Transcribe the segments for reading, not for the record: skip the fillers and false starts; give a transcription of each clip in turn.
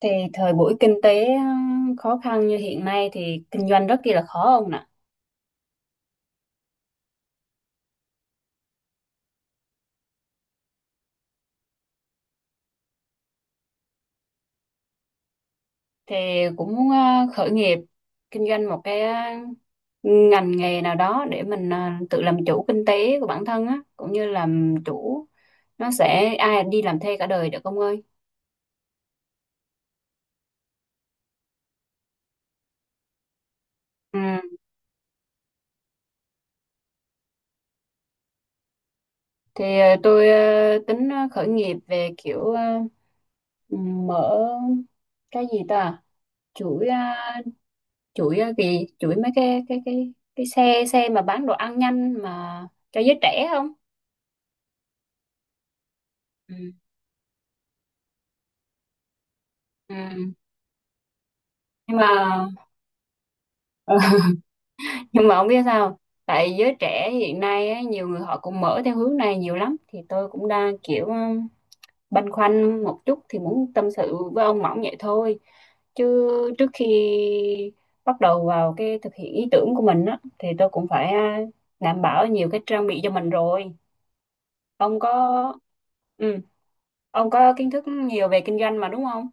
Thì thời buổi kinh tế khó khăn như hiện nay thì kinh doanh rất kia là khó ông nè. Thì cũng muốn khởi nghiệp, kinh doanh một cái ngành nghề nào đó để mình tự làm chủ kinh tế của bản thân á, cũng như làm chủ. Nó sẽ, ai đi làm thuê cả đời được ông ơi. Ừ. Thì tôi tính khởi nghiệp về kiểu, mở cái gì ta? Chuỗi ờ, gì chuỗi mấy cái xe xe mà bán đồ ăn nhanh mà cho giới trẻ không, ừ. Ừ. Nhưng mà nhưng mà không biết sao. Tại giới trẻ hiện nay á, nhiều người họ cũng mở theo hướng này nhiều lắm, thì tôi cũng đang kiểu, băn khoăn một chút, thì muốn tâm sự với ông Mỏng vậy thôi, chứ trước khi bắt đầu vào cái thực hiện ý tưởng của mình á, thì tôi cũng phải, đảm bảo nhiều cái trang bị cho mình rồi. Ông có ừ ông có kiến thức nhiều về kinh doanh mà, đúng không?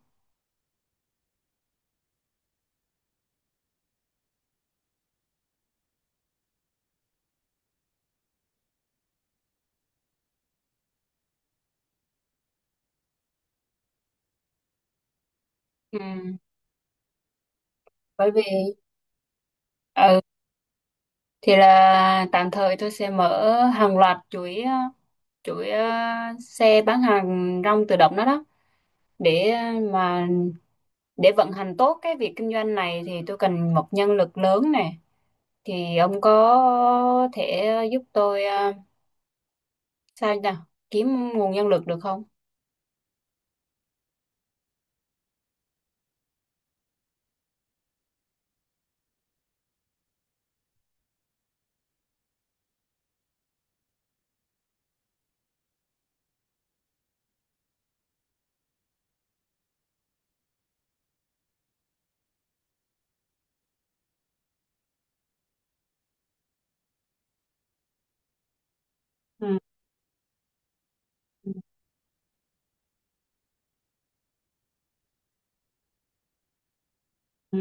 Ừ. Bởi vì, ừ, thì là tạm thời tôi sẽ mở hàng loạt chuỗi, chuỗi ờ, xe bán hàng rong tự động đó đó. Để ờ, mà Để vận hành tốt cái việc kinh doanh này thì tôi cần một nhân lực lớn nè. Thì ông có thể giúp tôi, sao nhỉ? Kiếm nguồn nhân lực được không? Ừ. Ừ.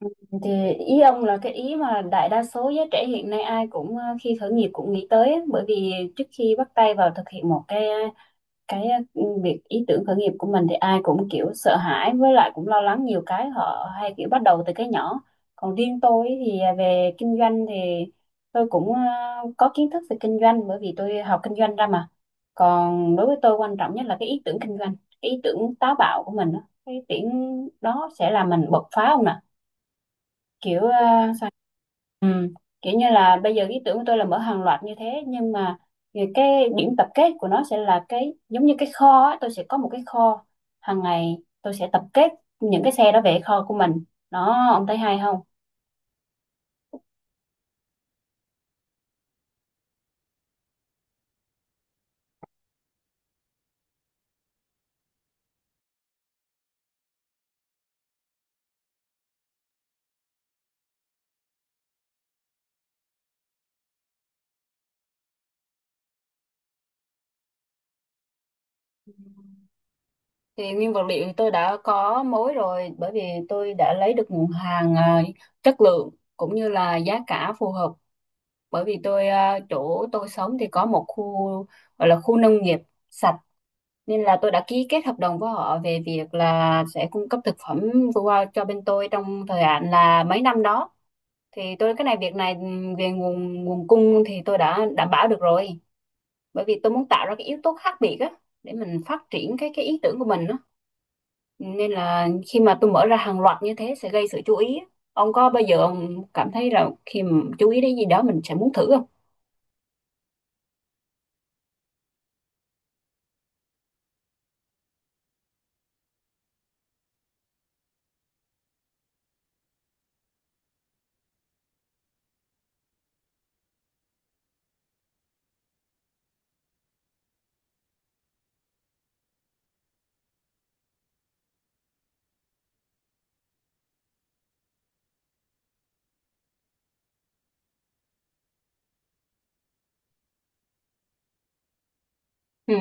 Ừ, thì ý ông là cái ý mà đại đa số giới trẻ hiện nay ai cũng, khi khởi nghiệp cũng nghĩ tới á. Bởi vì trước khi bắt tay vào thực hiện một cái việc ý tưởng khởi nghiệp của mình, thì ai cũng kiểu sợ hãi, với lại cũng lo lắng nhiều cái họ hay kiểu bắt đầu từ cái nhỏ. Còn riêng tôi ấy thì về kinh doanh thì tôi cũng, có kiến thức về kinh doanh, bởi vì tôi học kinh doanh ra mà. Còn đối với tôi, quan trọng nhất là cái ý tưởng kinh doanh, cái ý tưởng táo bạo của mình á. Cái ý tưởng đó sẽ làm mình bật phá không nè, kiểu, sao, ừ. Kiểu như là bây giờ ý tưởng của tôi là mở hàng loạt như thế, nhưng mà cái điểm tập kết của nó sẽ là cái giống như cái kho á. Tôi sẽ có một cái kho, hàng ngày tôi sẽ tập kết những cái xe đó về kho của mình. Đó, ông thấy hay không? Thì nguyên vật liệu tôi đã có mối rồi, bởi vì tôi đã lấy được nguồn hàng, chất lượng cũng như là giá cả phù hợp. Bởi vì tôi, chỗ tôi sống thì có một khu gọi là khu nông nghiệp sạch. Nên là tôi đã ký kết hợp đồng với họ về việc là sẽ cung cấp thực phẩm vừa qua cho bên tôi trong thời hạn là mấy năm đó. Thì tôi, cái này việc này, về nguồn nguồn cung thì tôi đã đảm bảo được rồi. Bởi vì tôi muốn tạo ra cái yếu tố khác biệt á, để mình phát triển cái ý tưởng của mình á. Nên là khi mà tôi mở ra hàng loạt như thế sẽ gây sự chú ý á. Ông có bao giờ ông cảm thấy là khi mà chú ý đến gì đó, mình sẽ muốn thử không? Ừ.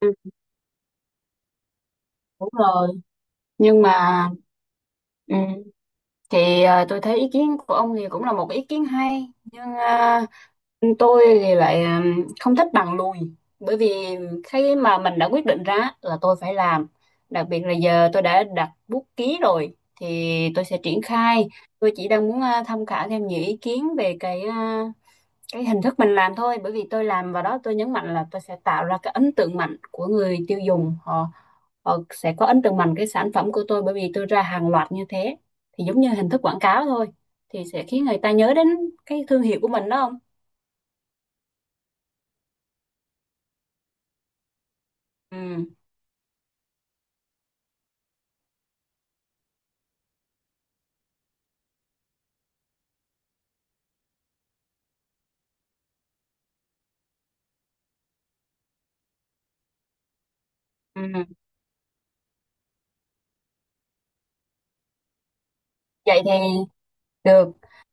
Ừ, đúng rồi. Nhưng mà, ừ, thì tôi thấy ý kiến của ông thì cũng là một ý kiến hay, nhưng tôi thì lại, không thích bằng lùi. Bởi vì khi mà mình đã quyết định ra là tôi phải làm, đặc biệt là giờ tôi đã đặt bút ký rồi, thì tôi sẽ triển khai. Tôi chỉ đang muốn, tham khảo thêm nhiều ý kiến về cái hình thức mình làm thôi. Bởi vì tôi làm vào đó, tôi nhấn mạnh là tôi sẽ tạo ra cái ấn tượng mạnh của người tiêu dùng, họ họ sẽ có ấn tượng mạnh cái sản phẩm của tôi. Bởi vì tôi ra hàng loạt như thế thì giống như hình thức quảng cáo thôi, thì sẽ khiến người ta nhớ đến cái thương hiệu của mình, đó không? Ừ, ừ. Vậy thì được.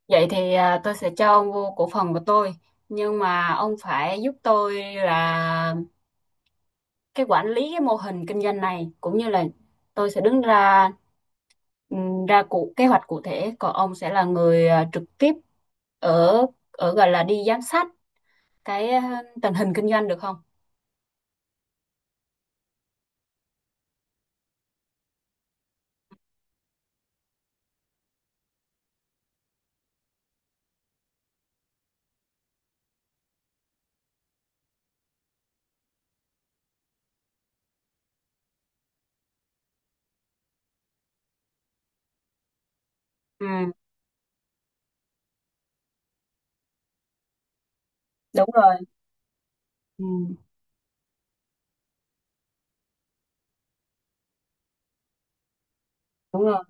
Vậy thì, tôi sẽ cho ông vô cổ phần của tôi. Nhưng mà ông phải giúp tôi là cái quản lý cái mô hình kinh doanh này, cũng như là tôi sẽ đứng ra, ra cụ kế hoạch cụ thể. Còn ông sẽ là người, trực tiếp ở ở gọi là đi giám sát cái tình hình kinh doanh, được không? Ừ, đúng rồi. Ừ, đúng rồi,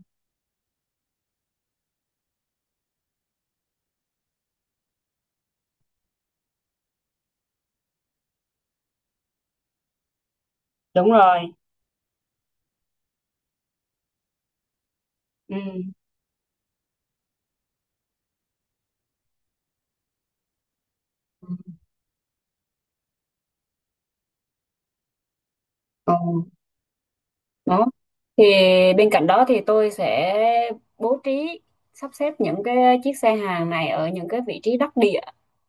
đúng rồi. Ừ. Ừ. Đó, thì bên cạnh đó thì tôi sẽ bố trí, sắp xếp những cái chiếc xe hàng này ở những cái vị trí đắc địa,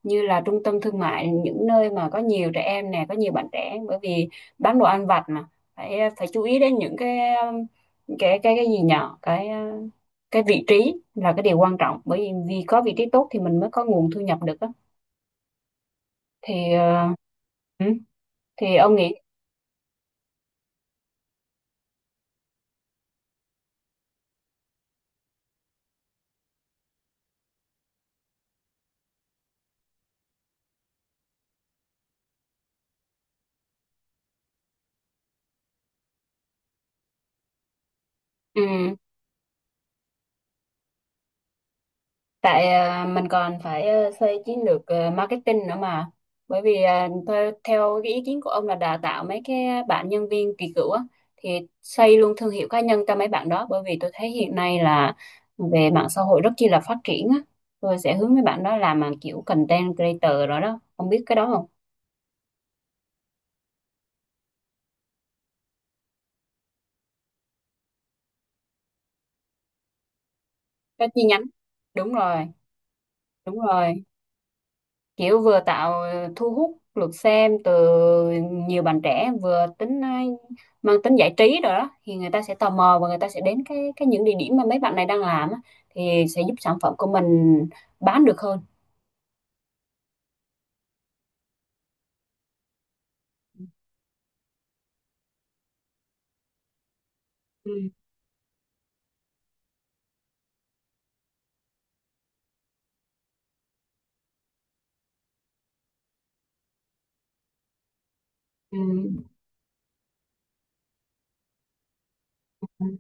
như là trung tâm thương mại, những nơi mà có nhiều trẻ em nè, có nhiều bạn trẻ. Bởi vì bán đồ ăn vặt mà, phải phải chú ý đến những cái cái gì nhỏ cái vị trí là cái điều quan trọng. Bởi vì vì có vị trí tốt thì mình mới có nguồn thu nhập được á. Thì, ừ, thì ông nghĩ. Ừ, tại mình còn phải, xây chiến lược, marketing nữa mà. Bởi vì theo cái ý kiến của ông là đào tạo mấy cái bạn nhân viên kỳ cựu á, thì xây luôn thương hiệu cá nhân cho mấy bạn đó. Bởi vì tôi thấy hiện nay là về mạng xã hội rất chi là phát triển á. Tôi sẽ hướng mấy bạn đó làm mà kiểu content creator rồi đó, ông biết cái đó không? Cái chi nhánh. Đúng rồi. Đúng rồi. Kiểu vừa tạo thu hút lượt xem từ nhiều bạn trẻ, vừa tính, mang tính giải trí rồi đó, thì người ta sẽ tò mò và người ta sẽ đến cái những địa điểm mà mấy bạn này đang làm á, thì sẽ giúp sản phẩm của mình bán được hơn. Ừ. Ừ. Ừ,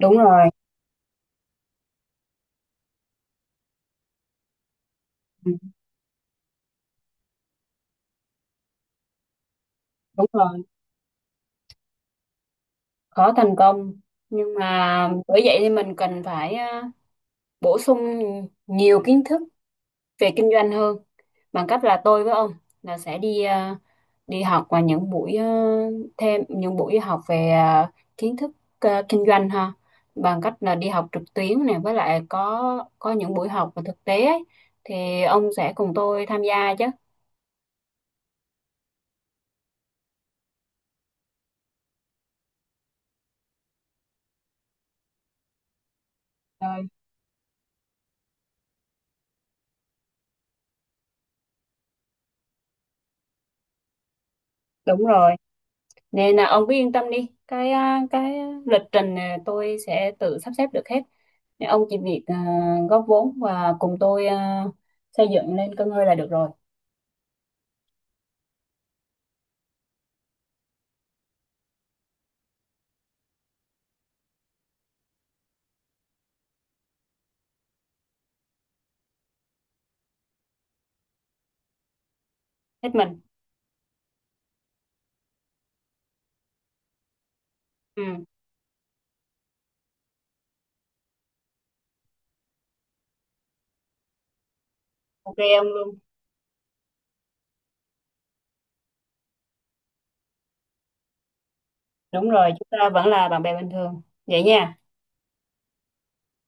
đúng rồi. Ừ, đúng rồi, khó thành công. Nhưng mà bởi vậy thì mình cần phải, bổ sung nhiều kiến thức về kinh doanh hơn, bằng cách là tôi với ông là sẽ đi, đi học và những buổi, thêm những buổi học về, kiến thức, kinh doanh ha. Bằng cách là đi học trực tuyến này, với lại có những buổi học và thực tế ấy, thì ông sẽ cùng tôi tham gia chứ? Rồi, đúng rồi, nên là ông cứ yên tâm đi. Cái lịch trình này tôi sẽ tự sắp xếp được hết. Nên ông chỉ việc, góp vốn và cùng tôi, xây dựng lên cơ ngơi là được rồi. Hết mình. Ừ. OK ông luôn. Đúng rồi, chúng ta vẫn là bạn bè bình thường vậy nha.